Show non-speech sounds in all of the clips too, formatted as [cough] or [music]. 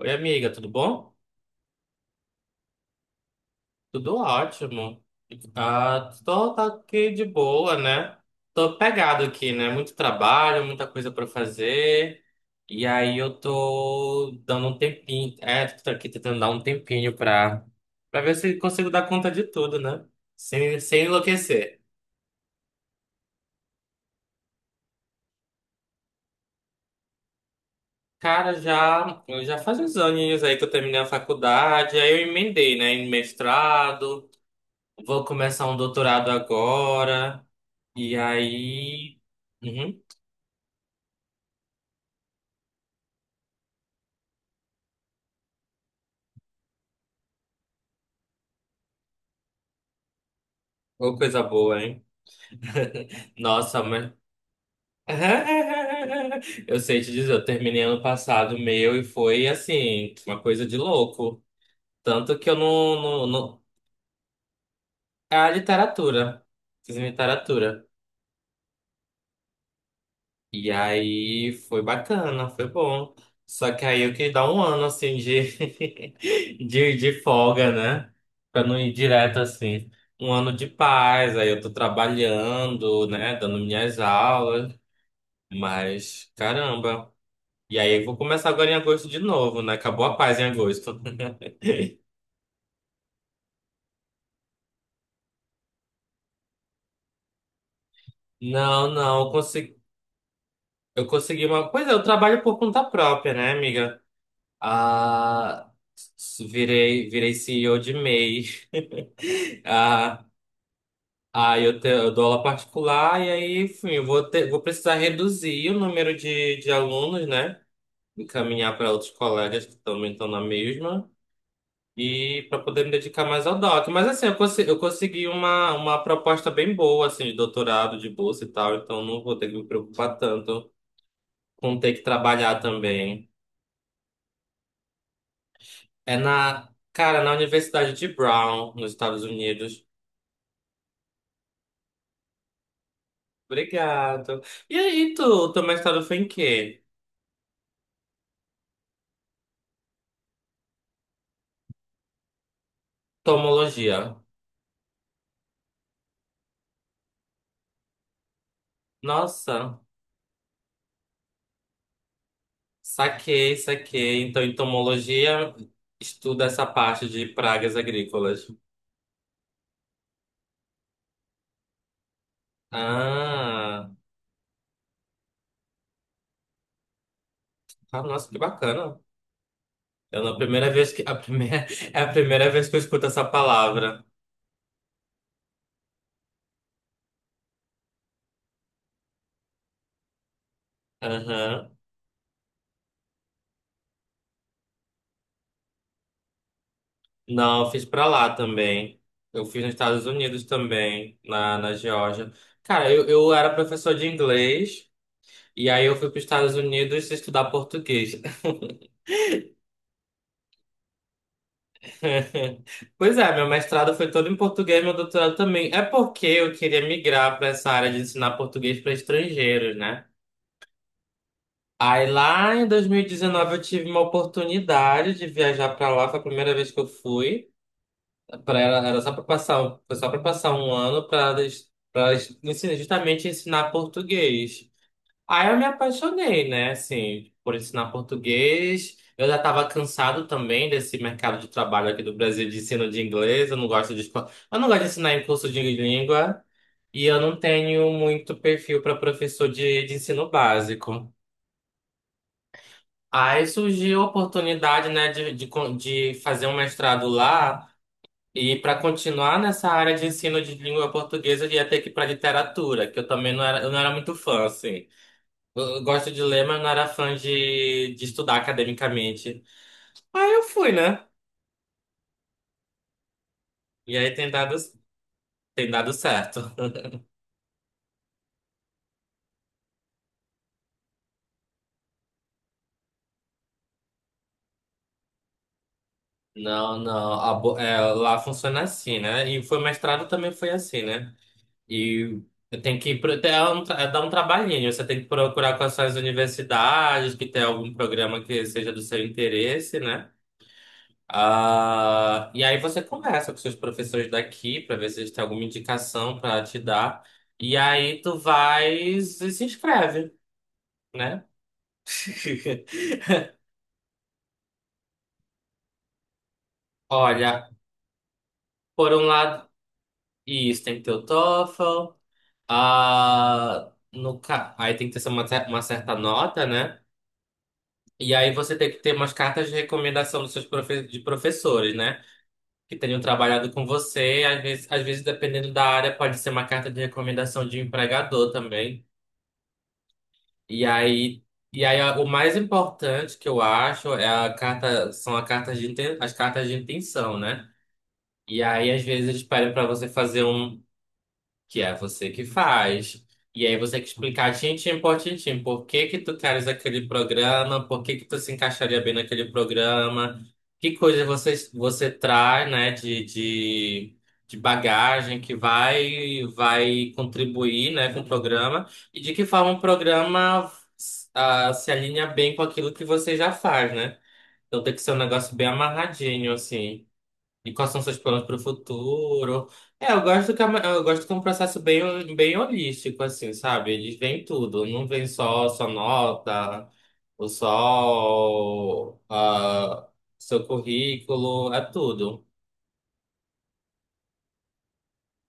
Oi, amiga, tudo bom? Tudo ótimo. Tô, tá aqui de boa, né? Tô pegado aqui, né? Muito trabalho, muita coisa pra fazer. E aí eu tô dando um tempinho. É, tô aqui tentando dar um tempinho pra ver se consigo dar conta de tudo, né? Sem enlouquecer. Cara, já, eu já faz uns aninhos aí que eu terminei a faculdade, aí eu emendei, né? Em mestrado, vou começar um doutorado agora. E aí. Uhum. Ô, coisa boa, hein? Nossa, mas. [laughs] Eu sei te dizer, eu terminei ano passado meu e foi assim, uma coisa de louco. Tanto que eu não... É a literatura. Fiz literatura. E aí foi bacana, foi bom. Só que aí eu queria dar um ano assim [laughs] de folga, né? Pra não ir direto assim. Um ano de paz, aí eu tô trabalhando, né? Dando minhas aulas. Mas, caramba. E aí, eu vou começar agora em agosto de novo, né? Acabou a paz em agosto. [laughs] Não, não, eu consegui uma. Pois é, eu trabalho por conta própria, né, amiga? Ah, virei CEO de MEI. [laughs] Ah, eu dou aula particular e aí, enfim, eu vou ter, vou precisar reduzir o número de alunos, né? Encaminhar para outros colegas que também estão na mesma. E para poder me dedicar mais ao doc. Mas assim, eu consegui uma proposta bem boa, assim, de doutorado, de bolsa e tal, então não vou ter que me preocupar tanto com ter que trabalhar também. É cara, na Universidade de Brown, nos Estados Unidos. Obrigado. E aí, tu, o teu mestrado foi em quê? Tomologia. Nossa, saquei. Então, em tomologia, estuda essa parte de pragas agrícolas. Ah, nossa, que bacana. Eu, na primeira vez que a primeira [laughs] é a primeira vez que eu escuto essa palavra. Aham. Não, eu fiz pra lá também. Eu fiz nos Estados Unidos também, na Geórgia. Cara, eu era professor de inglês e aí eu fui para os Estados Unidos estudar português. [laughs] Pois é, meu mestrado foi todo em português, meu doutorado também. É porque eu queria migrar para essa área de ensinar português para estrangeiros, né? Aí lá em 2019 eu tive uma oportunidade de viajar para lá, foi a primeira vez que eu fui. Pra ela, era só para passar, foi só para passar um ano para ensinar, justamente ensinar português. Aí eu me apaixonei, né, assim, por ensinar português. Eu já estava cansado também desse mercado de trabalho aqui do Brasil de ensino de inglês. Eu não gosto eu não gosto de ensinar em curso de língua e eu não tenho muito perfil para professor de ensino básico. Aí surgiu a oportunidade, né, de fazer um mestrado lá. E para continuar nessa área de ensino de língua portuguesa, eu ia ter que ir para literatura, que eu não era muito fã, assim. Eu gosto de ler, mas não era fã de estudar academicamente. Aí eu fui, né? E aí tem dado certo. Não, não. É, lá funciona assim, né? E foi mestrado também foi assim, né? E tem que é é dar um trabalhinho. Você tem que procurar quais são as universidades, que tem algum programa que seja do seu interesse, né? E aí você conversa com seus professores daqui para ver se eles têm alguma indicação para te dar. E aí tu vai e se inscreve, né? [laughs] Olha, por um lado, isso tem que ter o TOEFL. Ah, no, ca- Aí tem que ter uma certa nota, né? E aí você tem que ter umas cartas de recomendação dos seus profe de professores, né? Que tenham trabalhado com você. Às vezes, dependendo da área, pode ser uma carta de recomendação de um empregador também. E aí, e aí o mais importante que eu acho é a carta, são a carta de as cartas de intenção, né? E aí, às vezes, eles pedem para você fazer um que é você que faz. E aí você tem que explicar tintim por tintim por que que tu queres aquele programa, por que que tu se encaixaria bem naquele programa, que coisa você traz, né, de bagagem que vai contribuir, né, com o programa e de que forma o programa se alinha bem com aquilo que você já faz, né? Então tem que ser um negócio bem amarradinho, assim. E quais são seus planos para o futuro? É, eu gosto que é um processo bem, bem holístico, assim, sabe? Eles veem tudo, não vem só sua nota, o sol, ah, seu currículo, é tudo.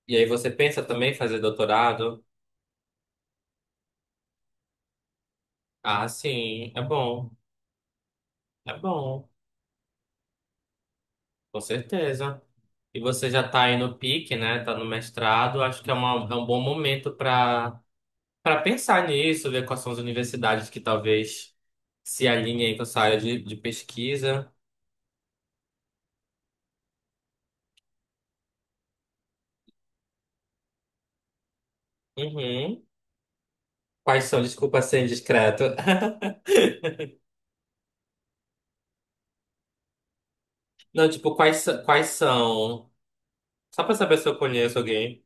E aí você pensa também em fazer doutorado? Ah, é bom, com certeza. E você já está aí no pique, né? Tá no mestrado, acho que é, é um bom momento para para pensar nisso, ver quais são as universidades que talvez se alinhem com essa área de pesquisa. Uhum. Quais são? Desculpa ser indiscreto. [laughs] Não, tipo, quais são? Só para saber se eu conheço alguém.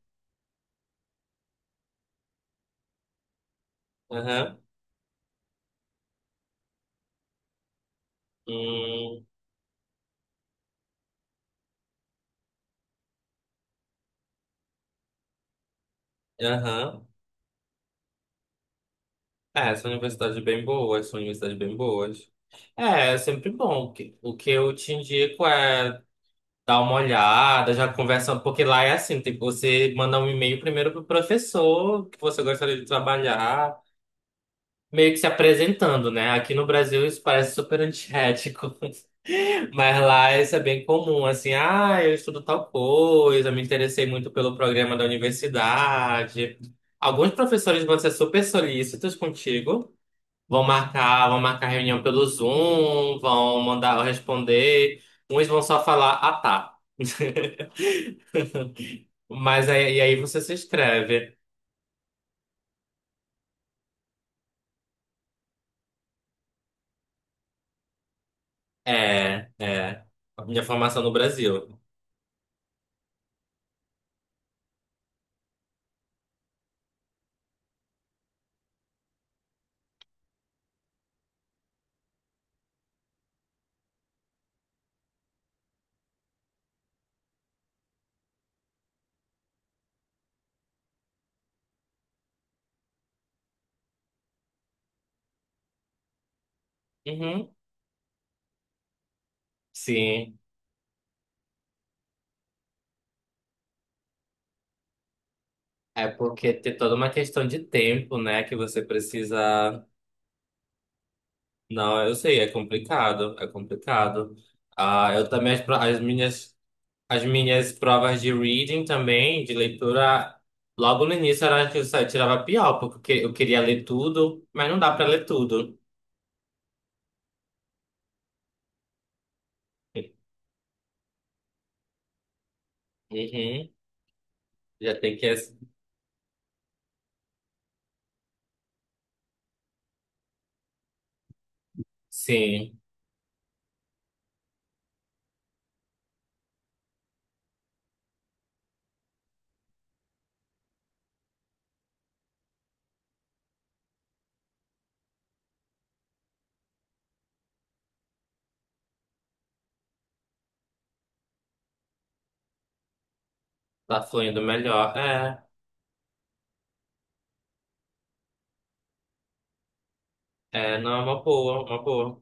Aham. Hum, aham. É, são universidades bem boas, são universidades bem boas. É, é sempre bom. O que eu te indico é dá uma olhada, já conversa, porque lá é assim, tipo, você manda um e-mail primeiro pro professor que você gostaria de trabalhar, meio que se apresentando, né? Aqui no Brasil isso parece super antiético, [laughs] mas lá isso é bem comum, assim, ah, eu estudo tal coisa, me interessei muito pelo programa da universidade. Alguns professores vão ser super solícitos contigo, vão marcar reunião pelo Zoom, vão mandar responder, uns vão só falar, ah, tá. [laughs] Mas aí, e aí você se inscreve. É, é. A minha formação no Brasil. Uhum. Sim. É porque tem toda uma questão de tempo, né? Que você precisa. Não, eu sei, é complicado. É complicado. Ah, eu também, as minhas provas de reading também, de leitura, logo no início era que eu só tirava pior, porque eu queria ler tudo, mas não dá pra ler tudo. Uhum. Já tem que. Sim, tá fluindo melhor. É. É, não, é uma boa, uma boa.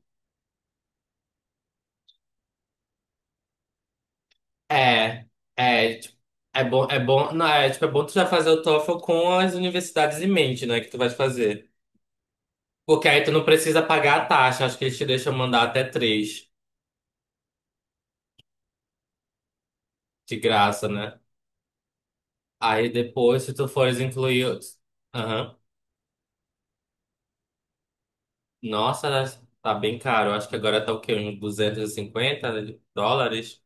É, é, tipo, é bom, não, é, tipo, é bom tu já fazer o TOEFL com as universidades em mente, né, que tu vai fazer. Porque aí tu não precisa pagar a taxa, acho que eles te deixam mandar até três de graça, né? Aí depois, se tu fores incluir... Aham. Nossa, tá bem caro, acho que agora tá o quê, uns 250 dólares?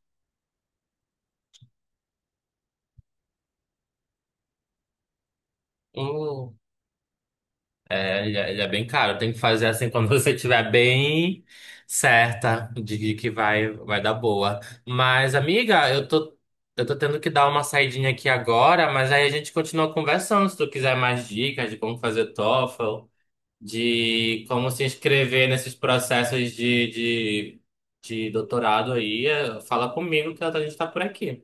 Hum. É, ele é bem caro. Tem que fazer assim quando [laughs] você estiver bem certa de que vai dar boa. Mas, amiga, eu tô tendo que dar uma saidinha aqui agora, mas aí a gente continua conversando. Se tu quiser mais dicas de como fazer TOEFL, de como se inscrever nesses processos de doutorado aí, fala comigo que a gente tá por aqui.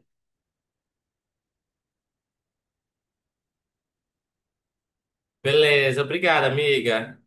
Beleza, obrigado, amiga.